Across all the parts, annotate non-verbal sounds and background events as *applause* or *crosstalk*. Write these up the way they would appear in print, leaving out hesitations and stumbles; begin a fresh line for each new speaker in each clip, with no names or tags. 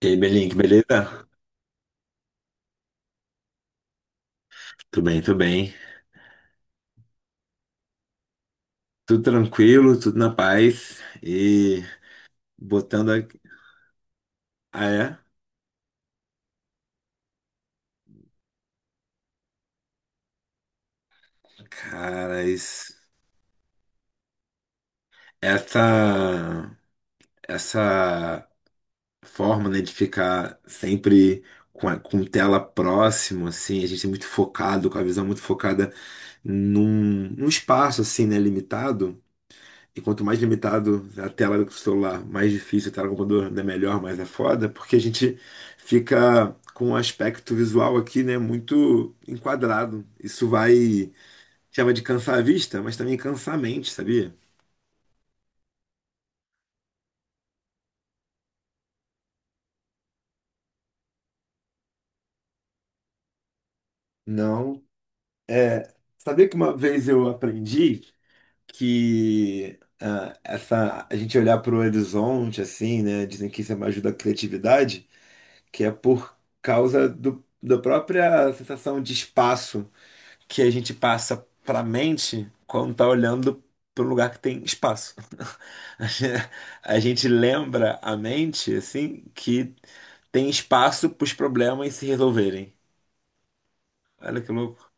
E aí, Belink, beleza? Tudo bem, tudo bem. Tudo tranquilo, tudo na paz. E botando a... Ah, é? Cara, essa... essa forma, né, de ficar sempre com tela próximo, assim, a gente é muito focado, com a visão muito focada num espaço, assim, né, limitado. E quanto mais limitado a tela do celular, mais difícil a tela do computador, ainda melhor, mas é foda, porque a gente fica com um aspecto visual aqui, né, muito enquadrado. Isso vai, chama de cansar a vista, mas também cansar a mente, sabia? Não. É, sabia que uma vez eu aprendi que a gente olhar para o horizonte, assim, né, dizem que isso é uma ajuda a criatividade, que é por causa da própria sensação de espaço que a gente passa para a mente quando tá olhando para um lugar que tem espaço. *laughs* A gen- a gente lembra a mente, assim, que tem espaço para os problemas se resolverem. Olha que louco.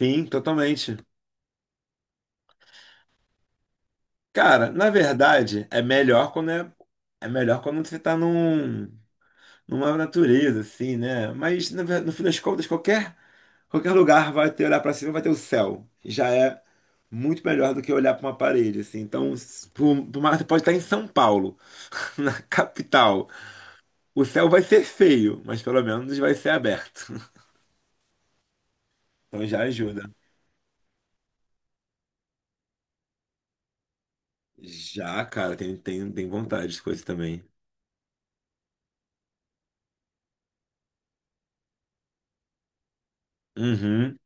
Sim, totalmente. Cara, na verdade, é melhor quando você tá numa natureza, assim, né? Mas, no fim das contas, qualquer lugar vai ter olhar para cima, vai ter o céu. Já é muito melhor do que olhar para uma parede, assim. Então, você pode estar em São Paulo, *laughs* na capital. O céu vai ser feio, mas pelo menos vai ser aberto. *laughs* Então já ajuda. Já, cara, tem vontade de coisa também. Uhum,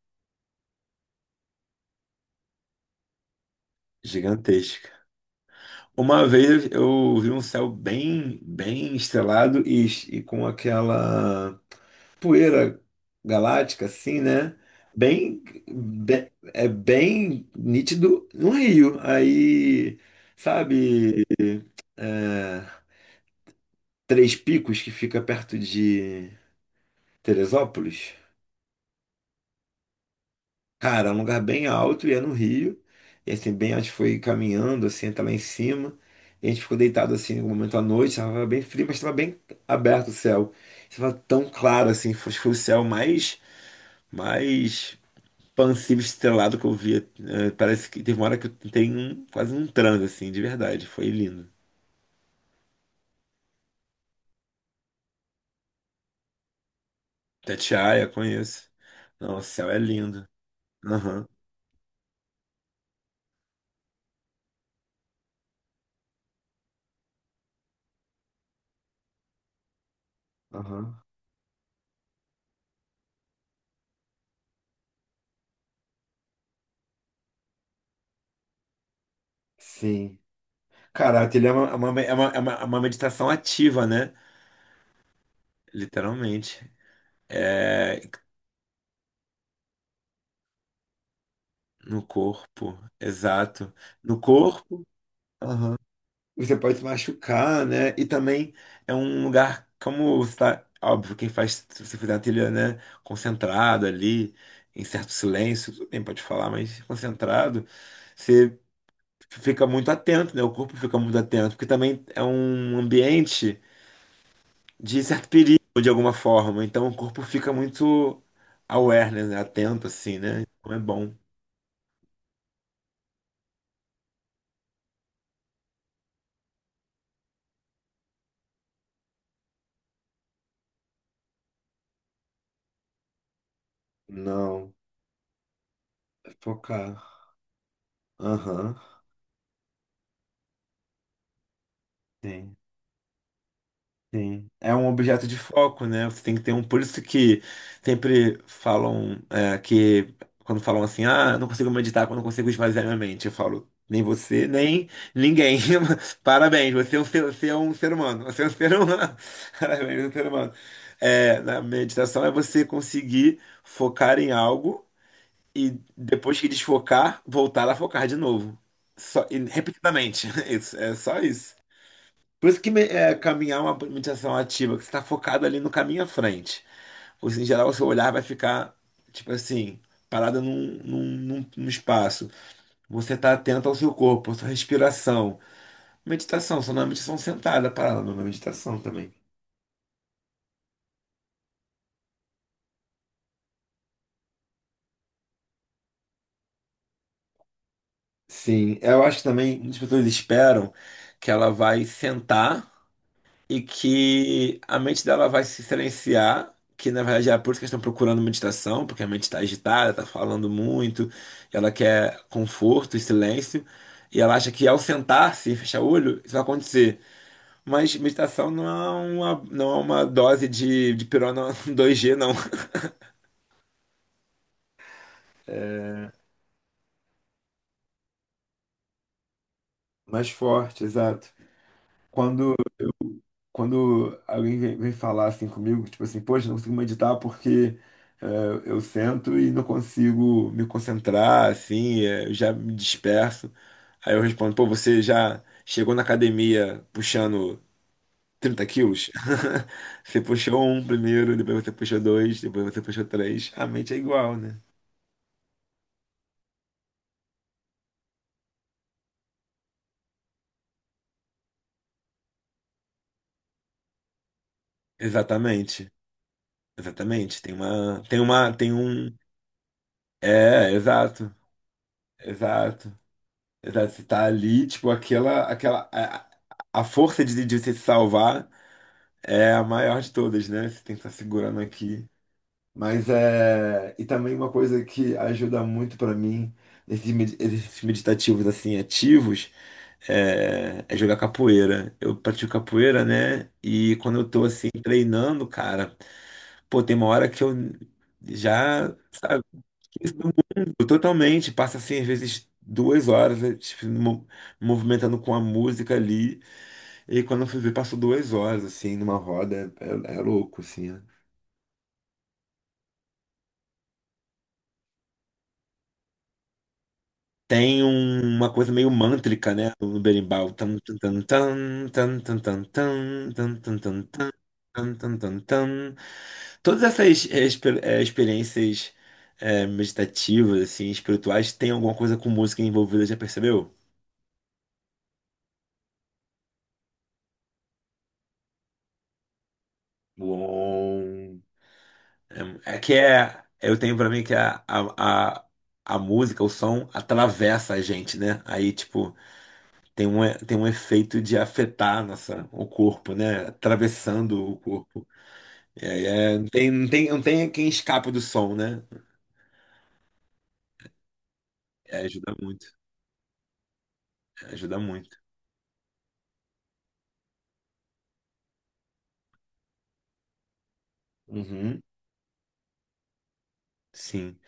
gigantesca. Uma vez eu vi um céu bem, bem estrelado e com aquela poeira galáctica, assim, né? Bem, é bem nítido no Rio. Aí, sabe, é, Três Picos, que fica perto de Teresópolis? Cara, é um lugar bem alto e é no Rio. E assim, bem, a gente foi caminhando, assim, até lá em cima. E a gente ficou deitado, assim, no momento à noite. Estava bem frio, mas estava bem aberto o céu. Estava tão claro, assim. Foi o céu mais pancílio estrelado que eu via. Parece que teve uma hora que eu tenho quase um transe, assim, de verdade. Foi lindo. Tatiaia, conheço. Não, o céu é lindo. Aham. Aham. Sim. Cara, aquilo é uma, é uma, é uma, é uma é uma meditação ativa, né? Literalmente. É, no corpo, exato. No corpo. Aham. Você pode se machucar, né? E também é um lugar como você tá, óbvio, quem faz, se você fizer uma trilha, né, concentrado ali, em certo silêncio, tudo bem, pode falar, mas concentrado, você fica muito atento, né? O corpo fica muito atento, porque também é um ambiente de certo perigo de alguma forma, então o corpo fica muito aware né? Atento assim, né? Então é bom. Não, focar. Aham. Sim. Sim, é um objeto de foco, né? Você tem que ter um. Por isso que sempre falam que quando falam assim, ah, eu não consigo meditar quando eu consigo esvaziar minha mente, eu falo, nem você, nem ninguém. *laughs* Parabéns, você é um ser humano. Você é um ser humano. *laughs* Parabéns, você é um ser humano. É, na meditação é você conseguir focar em algo e depois que desfocar, voltar a focar de novo. Só, e repetidamente. *laughs* Isso, é só isso. Por isso que caminhar é uma meditação ativa, que você está focado ali no caminho à frente. Ou seja, em geral, o seu olhar vai ficar, tipo assim, parado num espaço. Você está atento ao seu corpo, à sua respiração. Meditação, só não é meditação sentada, é parada, não é meditação também. Sim, eu acho que também muitas pessoas esperam que ela vai sentar. E que a mente dela vai se silenciar, que na verdade é por isso que eles estão procurando meditação, porque a mente está agitada, está falando muito, ela quer conforto e silêncio, e ela acha que ao sentar-se e fechar o olho, isso vai acontecer. Mas meditação não é uma dose de pirona *laughs* 2 g não. Mais forte, exato. Quando quando alguém vem, falar assim comigo, tipo assim, poxa, não consigo meditar porque é, eu sento e não consigo me concentrar, assim, eu já me disperso. Aí eu respondo, pô, você já chegou na academia puxando 30 quilos? *laughs* Você puxou um primeiro, depois você puxou dois, depois você puxou três. A mente é igual, né? Exatamente. Exatamente. Tem um. É, exato. Exato. Exato, Você tá ali, tipo, aquela, a força de você se salvar é a maior de todas, né? Você tem que estar segurando aqui. Mas e também uma coisa que ajuda muito pra mim nesses exercícios meditativos assim ativos é jogar capoeira. Eu pratico capoeira, né? E quando eu tô assim treinando, cara, pô, tem uma hora que eu já, sabe? Totalmente, passa assim, às vezes 2 horas, tipo, movimentando com a música ali, e quando eu fui ver, passou 2 horas, assim, numa roda, é louco, assim. Né? Tem uma coisa meio mântrica, né, no berimbau. Tan, tan, tan, tan, tan, tan, tan, tan, tan, tan, tan, tan, tan, tan, tan, tan. Todas essas experiências meditativas, assim, espirituais, tem alguma coisa com música envolvida, já percebeu? Uom. É que eu tenho pra mim que a música, o som atravessa a gente, né? Aí, tipo, tem um efeito de afetar o corpo, né? Atravessando o corpo. Não tem quem escape do som, né? É, ajuda muito, é, ajuda muito. Uhum, sim.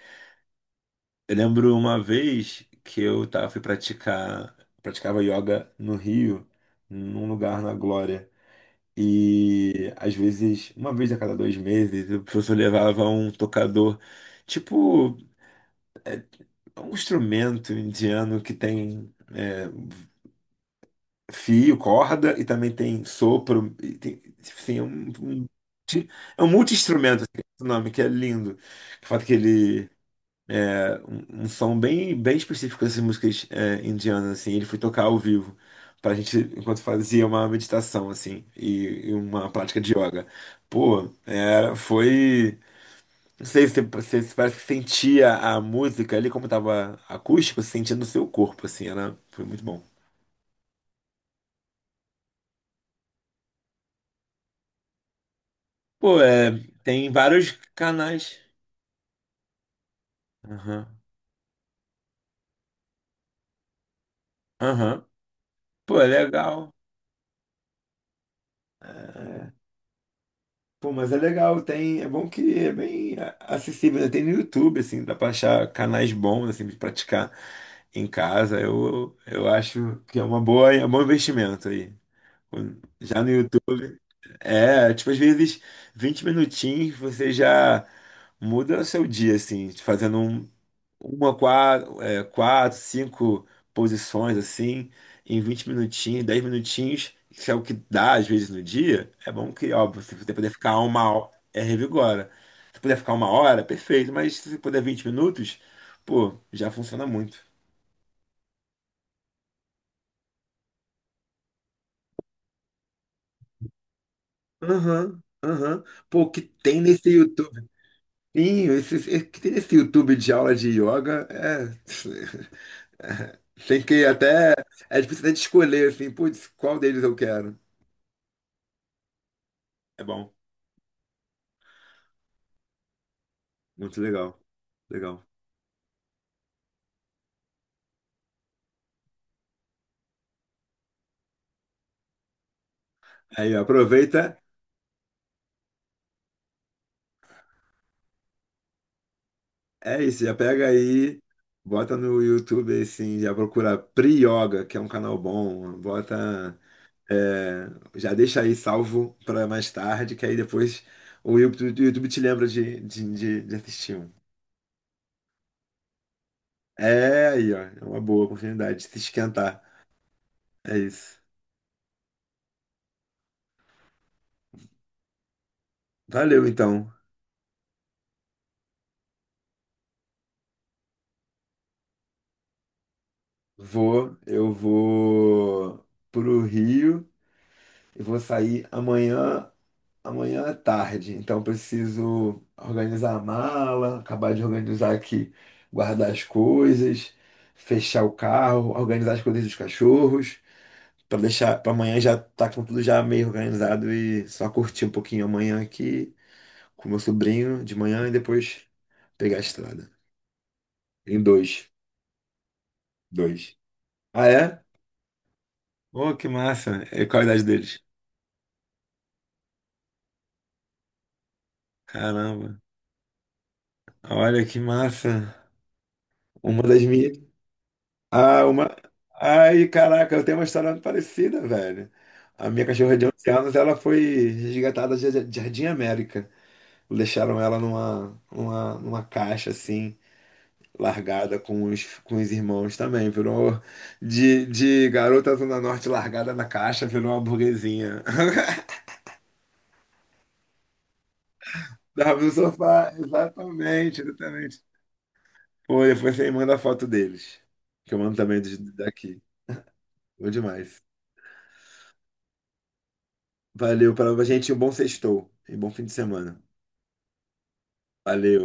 Eu lembro uma vez que praticava yoga no Rio, num lugar na Glória. E às vezes, uma vez a cada 2 meses, o professor levava um tocador, tipo um instrumento indiano que tem fio, corda e também tem sopro. E tem, tipo assim, é um multi-instrumento, assim, é o nome, que é lindo. O fato é que ele. Um som bem, bem específico dessas músicas indianas, assim, ele foi tocar ao vivo. Pra gente, enquanto fazia uma meditação, assim, e uma prática de yoga. Pô, foi. Não sei se você se parece que sentia a música ali, como tava acústico, você sentia no seu corpo, assim, foi muito bom. Pô, tem vários canais. Aham, aham. Pô, é legal. Pô, mas é legal, tem, é bom que é bem acessível, né? Tem no YouTube, assim, dá pra achar canais bons, assim, de praticar em casa. Eu acho que é uma boa, é um bom investimento aí. Já no YouTube. É, tipo, às vezes 20 minutinhos você já muda o seu dia, assim, fazendo uma, quatro, cinco posições, assim, em 20 minutinhos, 10 minutinhos, que é o que dá às vezes no dia. É bom que, óbvio, se você puder ficar uma hora, é revigora. Se puder ficar uma hora, perfeito, mas se você puder 20 minutos, pô, já funciona muito. Aham, aham. Pô, o que tem nesse YouTube? Sim, esse, que tem esse YouTube de aula de yoga, *laughs* tem que até, é difícil até de escolher, assim, putz, qual deles eu quero. É bom, muito legal, legal. Aí, ó, aproveita, é isso, já pega aí, bota no YouTube, assim, já procura Pri-Yoga, que é um canal bom, bota, é, já deixa aí salvo para mais tarde, que aí depois o YouTube te lembra de assistir um. É, aí, ó, é uma boa oportunidade de se esquentar, é isso. Valeu, então. Eu vou pro Rio e vou sair amanhã à tarde. Então preciso organizar a mala, acabar de organizar aqui, guardar as coisas, fechar o carro, organizar as coisas dos cachorros, para deixar para amanhã já tá com tudo já meio organizado e só curtir um pouquinho amanhã aqui com meu sobrinho de manhã e depois pegar a estrada. Em dois, dois. Ah, é? Oh, que massa. E qual a idade deles? Caramba, olha que massa. Uma das minhas. Ah, uma. Ai, caraca, eu tenho uma história parecida, velho. A minha cachorra de 11 anos, ela foi resgatada de Jardim América. Deixaram ela numa caixa, assim, largada com os, irmãos também. Virou de garota Zona Norte largada na caixa, virou uma burguesinha. *laughs* Dava no sofá, exatamente, exatamente. Foi, depois você manda a foto deles, que eu mando também daqui. Bom demais. Valeu, para a gente. Um bom sextou e um bom fim de semana. Valeu.